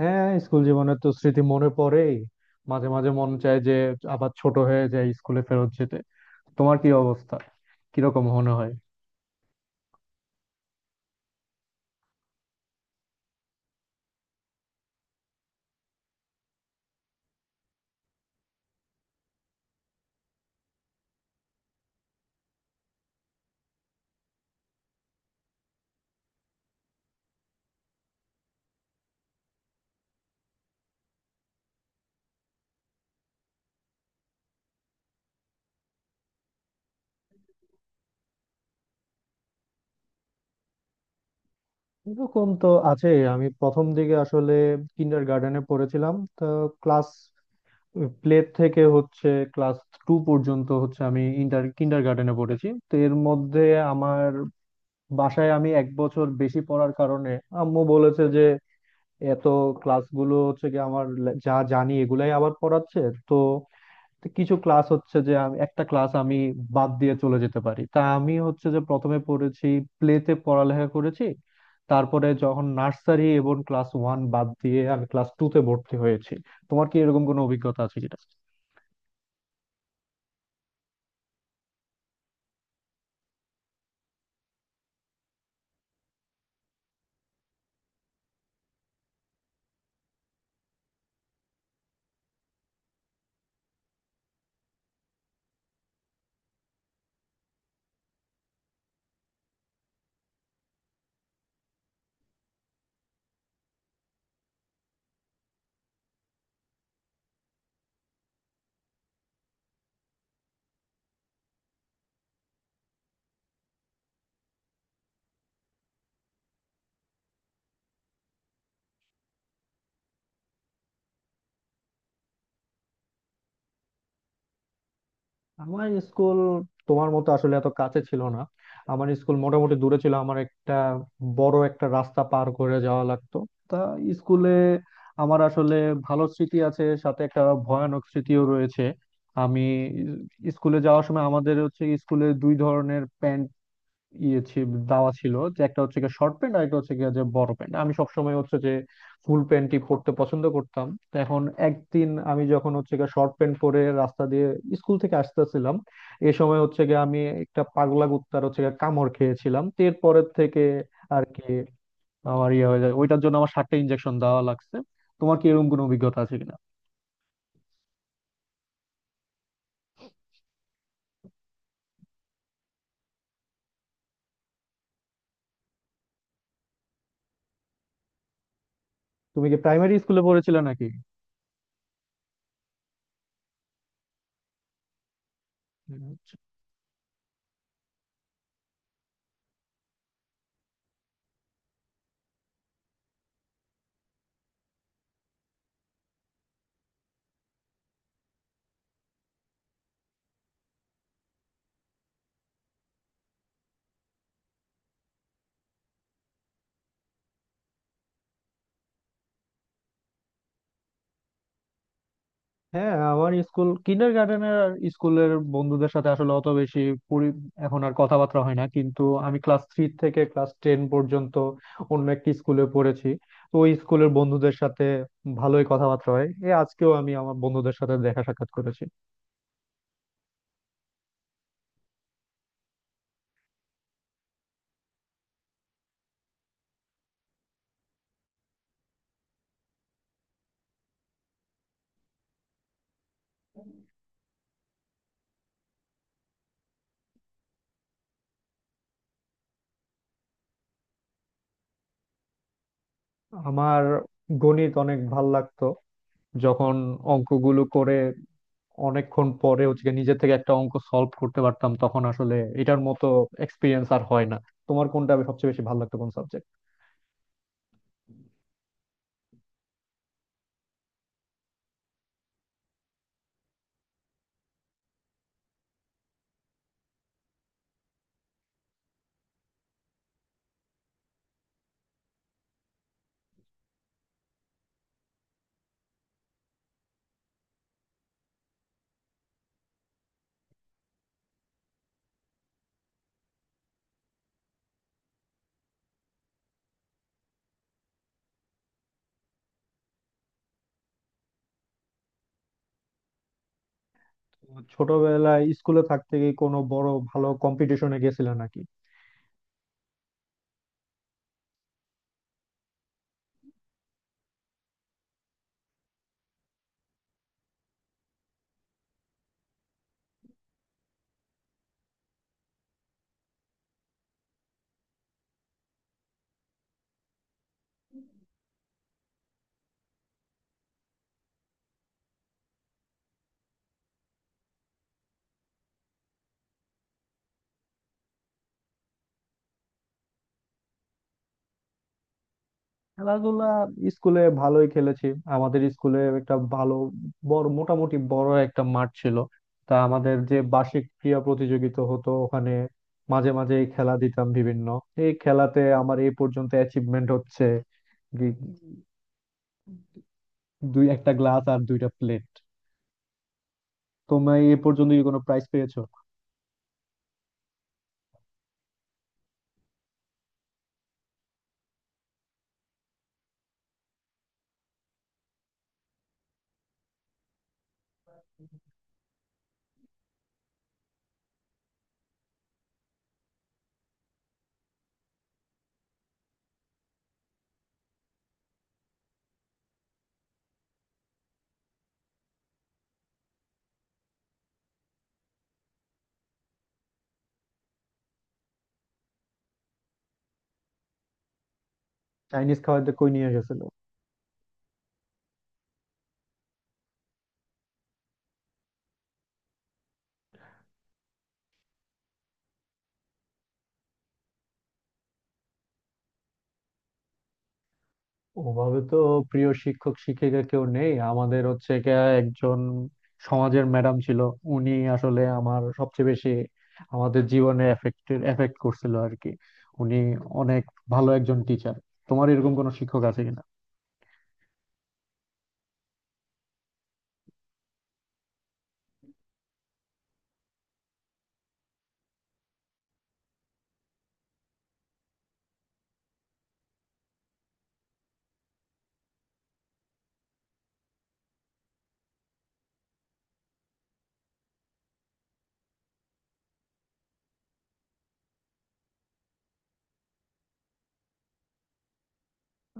হ্যাঁ, স্কুল জীবনের তো স্মৃতি মনে পড়েই। মাঝে মাঝে মন চায় যে আবার ছোট হয়ে যায়, স্কুলে ফেরত যেতে। তোমার কি অবস্থা? কিরকম মনে হয়? এরকম তো আছে। আমি প্রথম দিকে আসলে কিন্ডার গার্ডেনে পড়েছিলাম তো। ক্লাস প্লে থেকে হচ্ছে ক্লাস টু পর্যন্ত হচ্ছে আমি ইন্টার কিন্ডার গার্ডেনে পড়েছি। তো এর মধ্যে আমার বাসায় আমি এক বছর বেশি পড়ার কারণে আম্মু বলেছে যে এত ক্লাসগুলো হচ্ছে কি আমার যা জানি এগুলাই আবার পড়াচ্ছে। তো তো কিছু ক্লাস হচ্ছে যে আমি একটা ক্লাস আমি বাদ দিয়ে চলে যেতে পারি। তা আমি হচ্ছে যে প্রথমে পড়েছি, প্লেতে পড়ালেখা করেছি। তারপরে যখন নার্সারি এবং ক্লাস ওয়ান বাদ দিয়ে আমি ক্লাস টু তে ভর্তি হয়েছি। তোমার কি এরকম কোনো অভিজ্ঞতা আছে কিনা? আমার স্কুল তোমার মতো আসলে এত কাছে ছিল না। আমার স্কুল মোটামুটি দূরে ছিল, আমার একটা বড় একটা রাস্তা পার করে যাওয়া লাগতো। তা স্কুলে আমার আসলে ভালো স্মৃতি আছে, সাথে একটা ভয়ানক স্মৃতিও রয়েছে। আমি স্কুলে যাওয়ার সময় আমাদের হচ্ছে স্কুলে দুই ধরনের প্যান্ট ইয়ে ছিল, দেওয়া ছিল, যে একটা হচ্ছে গিয়ে শর্ট প্যান্ট আর একটা হচ্ছে গিয়ে যে বড় প্যান্ট। আমি সবসময় হচ্ছে যে ফুল প্যান্টই পরতে পছন্দ করতাম। তো এখন একদিন আমি যখন হচ্ছে গিয়ে শর্ট প্যান্ট পরে রাস্তা দিয়ে স্কুল থেকে আসতেছিলাম, এ সময় হচ্ছে গিয়ে আমি একটা পাগলা কুত্তার হচ্ছে গিয়ে কামড় খেয়েছিলাম। তো এরপরের থেকে আর কি আমার ইয়ে হয়ে যায়, ওইটার জন্য আমার সাতটা ইনজেকশন দেওয়া লাগছে। তোমার কি এরকম কোনো অভিজ্ঞতা আছে কিনা? তুমি কি প্রাইমারি স্কুলে পড়েছিলে নাকি? হ্যাঁ, আমার স্কুল কিন্ডার গার্ডেনের স্কুলের বন্ধুদের সাথে আসলে অত বেশি পরি- এখন আর কথাবার্তা হয় না। কিন্তু আমি ক্লাস থ্রি থেকে ক্লাস টেন পর্যন্ত অন্য একটি স্কুলে পড়েছি। তো ওই স্কুলের বন্ধুদের সাথে ভালোই কথাবার্তা হয়। এই আজকেও আমি আমার বন্ধুদের সাথে দেখা সাক্ষাৎ করেছি। আমার গণিত অনেক ভাল লাগতো। যখন অঙ্কগুলো করে অনেকক্ষণ পরে হচ্ছে গিয়ে নিজে থেকে একটা অঙ্ক সলভ করতে পারতাম, তখন আসলে এটার মতো এক্সপিরিয়েন্স আর হয় না। তোমার কোনটা সবচেয়ে বেশি ভালো লাগতো, কোন সাবজেক্ট? ছোটবেলায় স্কুলে থাকতে কি কোনো বড় ভালো কম্পিটিশনে গেছিলে নাকি? খেলাধুলা স্কুলে ভালোই খেলেছি। আমাদের স্কুলে একটা ভালো বড়, মোটামুটি বড় একটা মাঠ ছিল। তা আমাদের যে বার্ষিক ক্রীড়া প্রতিযোগিতা হতো ওখানে মাঝে মাঝে খেলা দিতাম বিভিন্ন। এই খেলাতে আমার এই পর্যন্ত অ্যাচিভমেন্ট হচ্ছে গি- দুই একটা গ্লাস আর দুইটা প্লেট। তোমায় এ পর্যন্ত কি কোনো প্রাইজ পেয়েছো? চাইনিজ খাওয়াতে কই নিয়ে গেছিল? ওভাবে তো প্রিয় শিক্ষক শিক্ষিকা কেউ নেই। আমাদের হচ্ছে গিয়া একজন সমাজের ম্যাডাম ছিল। উনি আসলে আমার সবচেয়ে বেশি আমাদের জীবনে এফেক্ট করছিল আর কি। উনি অনেক ভালো একজন টিচার। তোমার এরকম কোনো শিক্ষক আছে কিনা?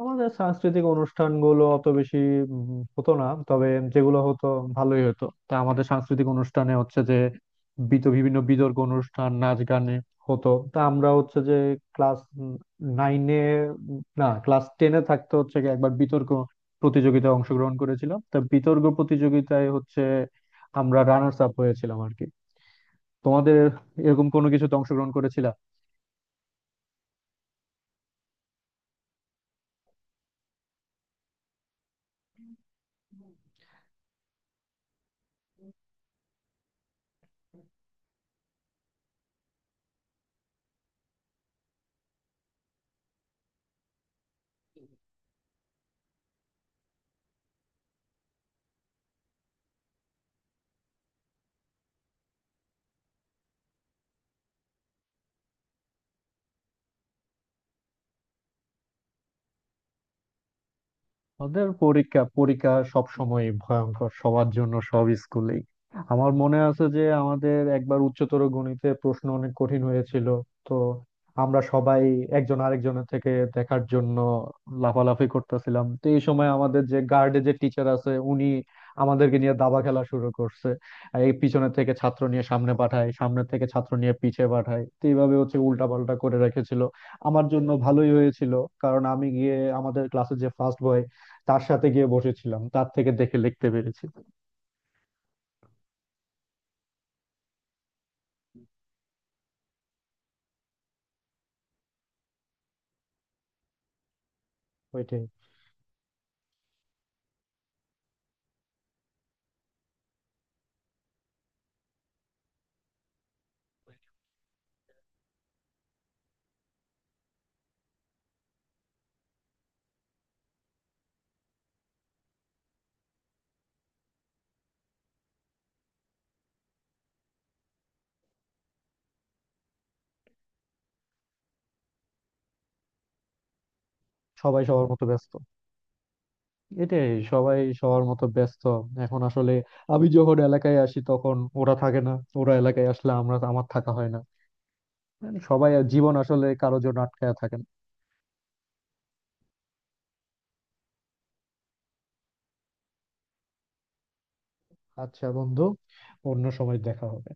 আমাদের সাংস্কৃতিক অনুষ্ঠানগুলো অত বেশি হতো না। তবে যেগুলো হতো ভালোই হতো। তা আমাদের সাংস্কৃতিক অনুষ্ঠানে হচ্ছে যে বিভিন্ন বিতর্ক অনুষ্ঠান, নাচ, গানে হতো। তা আমরা হচ্ছে যে ক্লাস নাইনে, না ক্লাস টেনে থাকতে হচ্ছে গিয়ে একবার বিতর্ক প্রতিযোগিতায় অংশগ্রহণ করেছিলাম। তা বিতর্ক প্রতিযোগিতায় হচ্ছে আমরা রানার্স আপ হয়েছিলাম আর কি। তোমাদের এরকম কোনো কিছুতে অংশগ্রহণ করেছিল? তাদের পরীক্ষা, পরীক্ষা সব সময় ভয়ঙ্কর সবার জন্য, সব স্কুলেই। আমার মনে আছে যে আমাদের একবার উচ্চতর গণিতে প্রশ্ন অনেক কঠিন হয়েছিল। তো আমরা সবাই একজন আরেকজনের থেকে দেখার জন্য লাফালাফি করতেছিলাম। তো এই সময় আমাদের যে গার্ডে যে টিচার আছে উনি আমাদেরকে নিয়ে দাবা খেলা শুরু করছে। আর এই পিছনের থেকে ছাত্র নিয়ে সামনে পাঠায়, সামনে থেকে ছাত্র নিয়ে পিছে পাঠায়। তো এইভাবে হচ্ছে উল্টা পাল্টা করে রেখেছিল। আমার জন্য ভালোই হয়েছিল, কারণ আমি গিয়ে আমাদের ক্লাসে যে ফার্স্ট বয় তার সাথে গিয়ে বসেছিলাম, তার থেকে দেখে লিখতে পেরেছি। ওইটাই, সবাই সবার মতো ব্যস্ত। এটাই, সবাই সবার মতো ব্যস্ত। এখন আসলে আমি যখন এলাকায় আসি তখন ওরা থাকে না। ওরা এলাকায় আসলে আমরা আমার থাকা হয় না। মানে সবাই, জীবন আসলে কারোর জন্য আটকায়া থাকে না। আচ্ছা বন্ধু, অন্য সময় দেখা হবে।